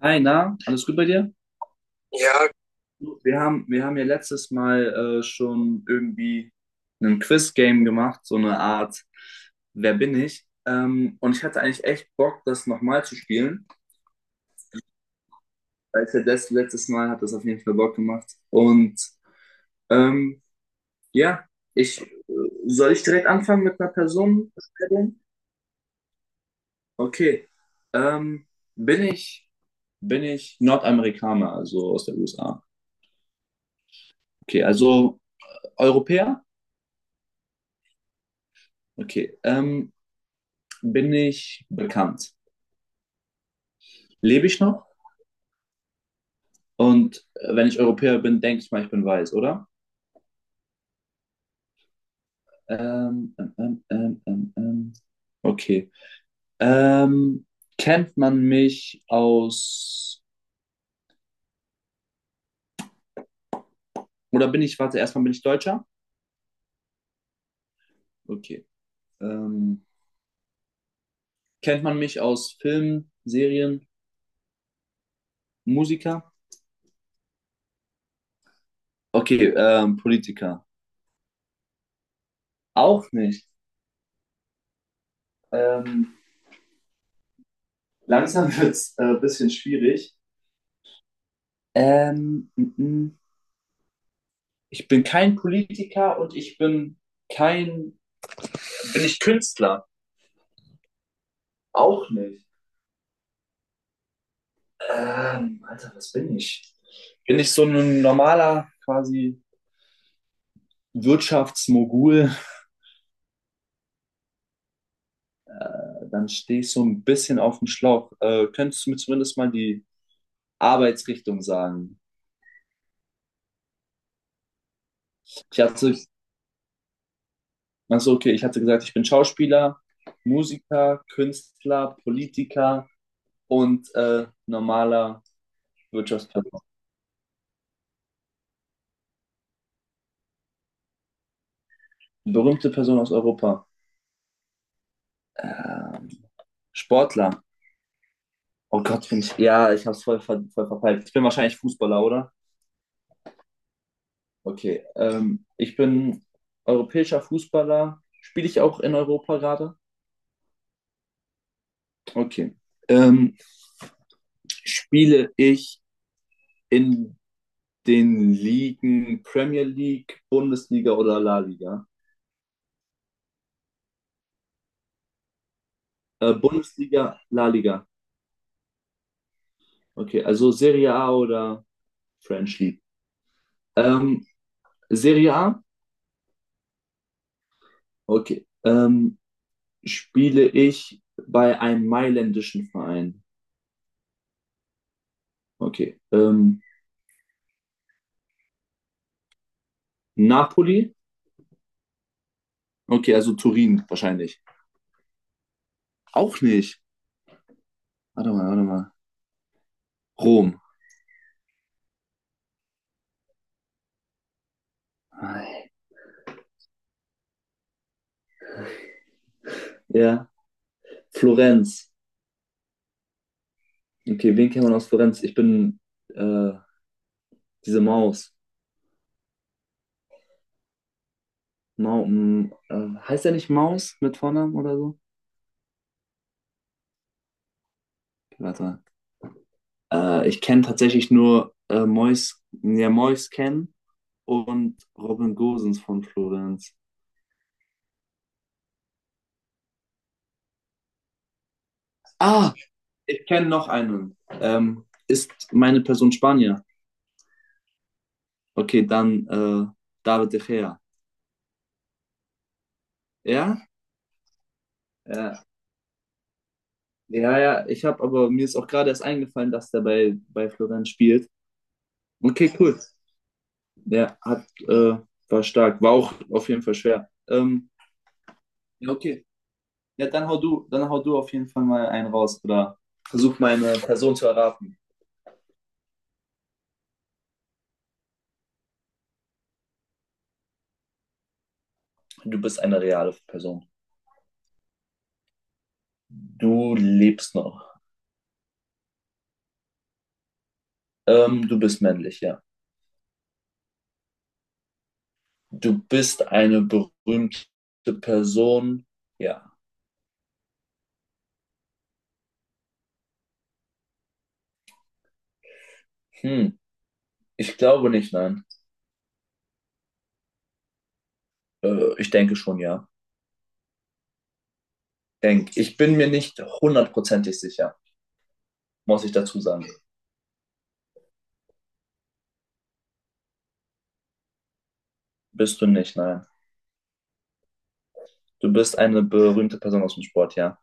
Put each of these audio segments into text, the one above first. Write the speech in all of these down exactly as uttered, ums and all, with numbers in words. Hi, na, alles gut bei dir? Ja. Wir haben, wir haben ja letztes Mal äh, schon irgendwie ein Quiz-Game gemacht, so eine Art Wer bin ich? Ähm, und ich hatte eigentlich echt Bock, das nochmal zu spielen. Weil ich ja das letztes Mal hat das auf jeden Fall Bock gemacht. Und ähm, ja, ich äh, soll ich direkt anfangen mit einer Personenstellung? Okay. Ähm, bin ich, bin ich Nordamerikaner, also aus der U S A? Okay, also Europäer? Okay, ähm, bin ich bekannt? Lebe ich noch? Und äh, wenn ich Europäer bin, denke ich mal, ich bin weiß, oder? Ähm, ähm, ähm, ähm, ähm. ähm. Okay. Ähm, kennt man mich aus, oder bin ich, warte, erstmal bin ich Deutscher? Okay. Ähm, kennt man mich aus Filmen, Serien, Musiker? Okay, ähm, Politiker. Auch nicht. Ähm, langsam wird es ein äh, bisschen schwierig. Ähm, mm, mm. Ich bin kein Politiker und ich bin kein. Bin ich Künstler? Auch nicht. Ähm, Alter, was bin ich? Bin ich so ein normaler quasi Wirtschaftsmogul? Äh, dann stehe ich so ein bisschen auf dem Schlauch. Äh, könntest du mir zumindest mal die Arbeitsrichtung sagen? Ich hatte, also okay, ich hatte gesagt, ich bin Schauspieler, Musiker, Künstler, Politiker und äh, normaler Wirtschaftsperson. Berühmte Person aus Europa. Äh, Sportler. Oh Gott, bin ich. Ja, ich hab's voll, ver voll verpeilt. Ich bin wahrscheinlich Fußballer, oder? Okay. Ähm, ich bin europäischer Fußballer. Spiele ich auch in Europa gerade? Okay. Ähm, spiele ich in den Ligen Premier League, Bundesliga oder La Liga? Äh, Bundesliga, La Liga. Okay, also Serie A oder French League. Ähm, Serie A? Okay. Ähm, spiele ich bei einem mailändischen Verein. Okay. Ähm, Napoli? Okay, also Turin wahrscheinlich. Auch nicht. Warte mal, warte mal. Rom. Ja. Florenz. Okay, wen kennt man aus Florenz? Ich bin äh, diese Maus. Mau m- äh, heißt er nicht Maus mit Vornamen oder so? Okay, warte mal. Äh, ich kenne tatsächlich nur äh, Mois, ja, Mois Ken und Robin Gosens von Florenz. Ah, ich kenne noch einen. Ähm, ist meine Person Spanier? Okay, dann äh, David De Gea. Ja? Ja, ja, ja. Ich habe aber mir ist auch gerade erst eingefallen, dass der bei, bei Florenz spielt. Okay, cool. Der hat, äh, war stark. War auch auf jeden Fall schwer. Ähm, ja, okay. Ja, dann hau du, dann hau du auf jeden Fall mal einen raus oder versuch meine Person zu erraten. Du bist eine reale Person. Du lebst noch. Ähm, du bist männlich, ja. Du bist eine berühmte Person. Ja. Hm. Ich glaube nicht, nein. Äh, ich denke schon, ja. Denk. Ich bin mir nicht hundertprozentig sicher, muss ich dazu sagen. Bist du nicht, nein. Du bist eine berühmte Person aus dem Sport, ja.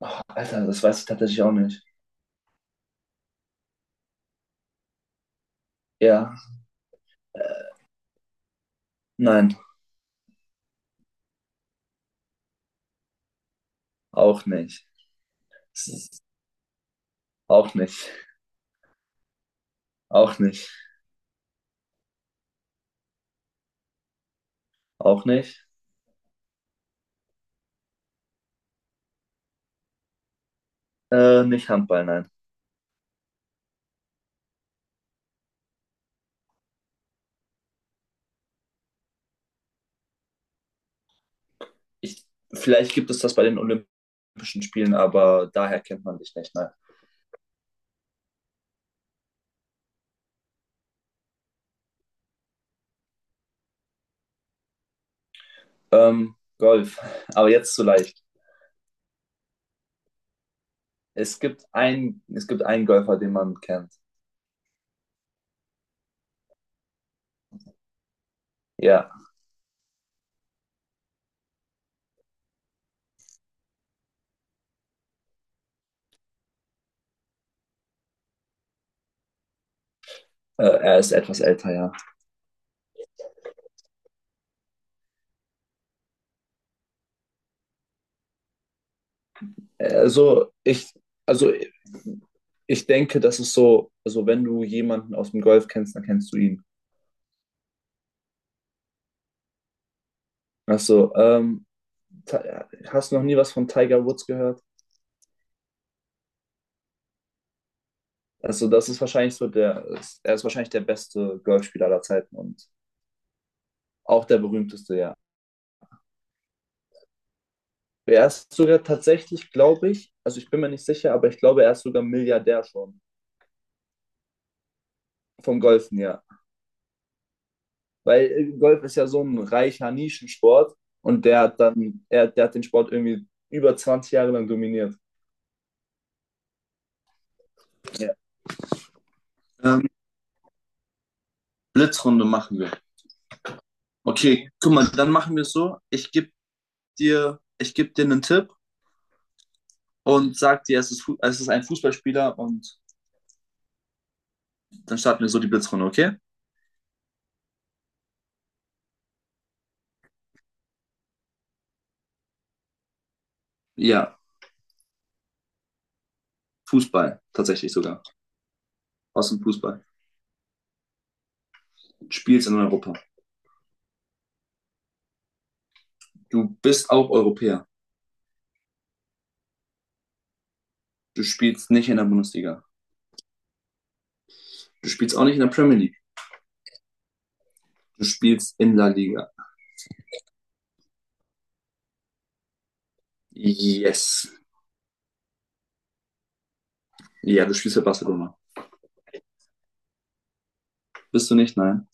Ach, Alter, das weiß ich tatsächlich auch nicht. Ja, nein, auch nicht. Es ist- Auch nicht. Auch nicht. Auch nicht. Äh, nicht Handball, nein. Ich, vielleicht gibt es das bei den Olympischen Spielen, aber daher kennt man dich nicht, nein. Ähm, Golf, aber jetzt zu leicht. Es gibt einen, es gibt einen Golfer, den man kennt. Ja, äh, er ist etwas älter, ja. Also ich, also ich denke, das ist so, also wenn du jemanden aus dem Golf kennst, dann kennst du ihn. Also, ähm, Ti- hast du noch nie was von Tiger Woods gehört? Also, das ist wahrscheinlich so der, er ist wahrscheinlich der beste Golfspieler aller Zeiten und auch der berühmteste, ja. Er ist sogar tatsächlich, glaube ich, also ich bin mir nicht sicher, aber ich glaube, er ist sogar Milliardär schon. Vom Golfen, ja. Weil äh, Golf ist ja so ein reicher Nischensport und der hat dann, er, der hat den Sport irgendwie über zwanzig Jahre lang dominiert. Ja. Ähm, Blitzrunde machen wir. Okay, guck mal, dann machen wir es so. Ich gebe dir, ich geb dir einen Tipp und sag dir, es ist, es ist ein Fußballspieler und dann starten wir so die Blitzrunde, okay? Ja, Fußball, tatsächlich sogar. Aus dem Fußball. Du spielst in Europa. Du bist auch Europäer. Du spielst nicht in der Bundesliga. Du spielst auch nicht in der Premier League. Du spielst in La Liga. Yes. Ja, du spielst für Barcelona. Bist du nicht? Nein.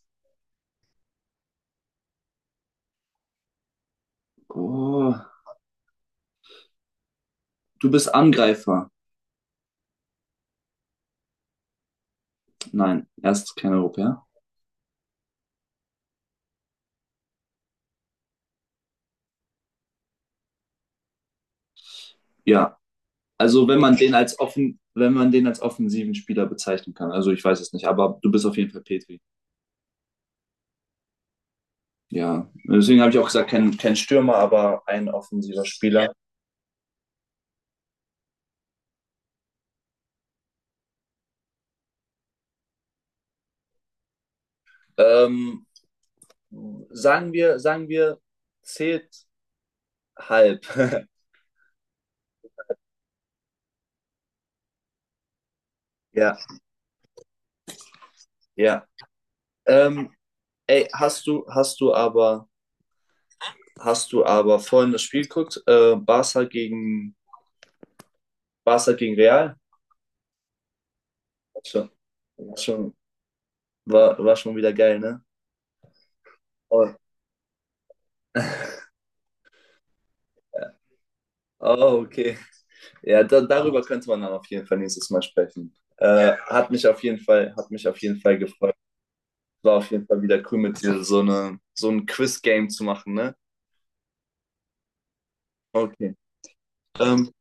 Oh, du bist Angreifer. Nein, er ist kein Europäer. Ja, also wenn man den als offen, wenn man den als offensiven Spieler bezeichnen kann. Also ich weiß es nicht, aber du bist auf jeden Fall Petri. Ja, deswegen habe ich auch gesagt, kein, kein Stürmer, aber ein offensiver Spieler. Ähm, sagen wir, sagen wir, zählt halb. Ja, ja. Ähm, ey, hast du, hast du aber Hast du aber vorhin das Spiel geguckt, äh, Barca gegen, Barca gegen Real? Schon, schon, war, war schon wieder geil, ne? Oh, oh okay. Ja, da, darüber könnte man dann auf jeden Fall nächstes Mal sprechen. Äh, hat mich auf jeden Fall, hat mich auf jeden Fall gefreut. War auf jeden Fall wieder cool mit dir, so eine, so ein Quiz-Game zu machen, ne? Okay. Ähm,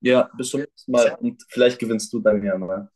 ja, bis zum nächsten Mal und vielleicht gewinnst du dann ja mal.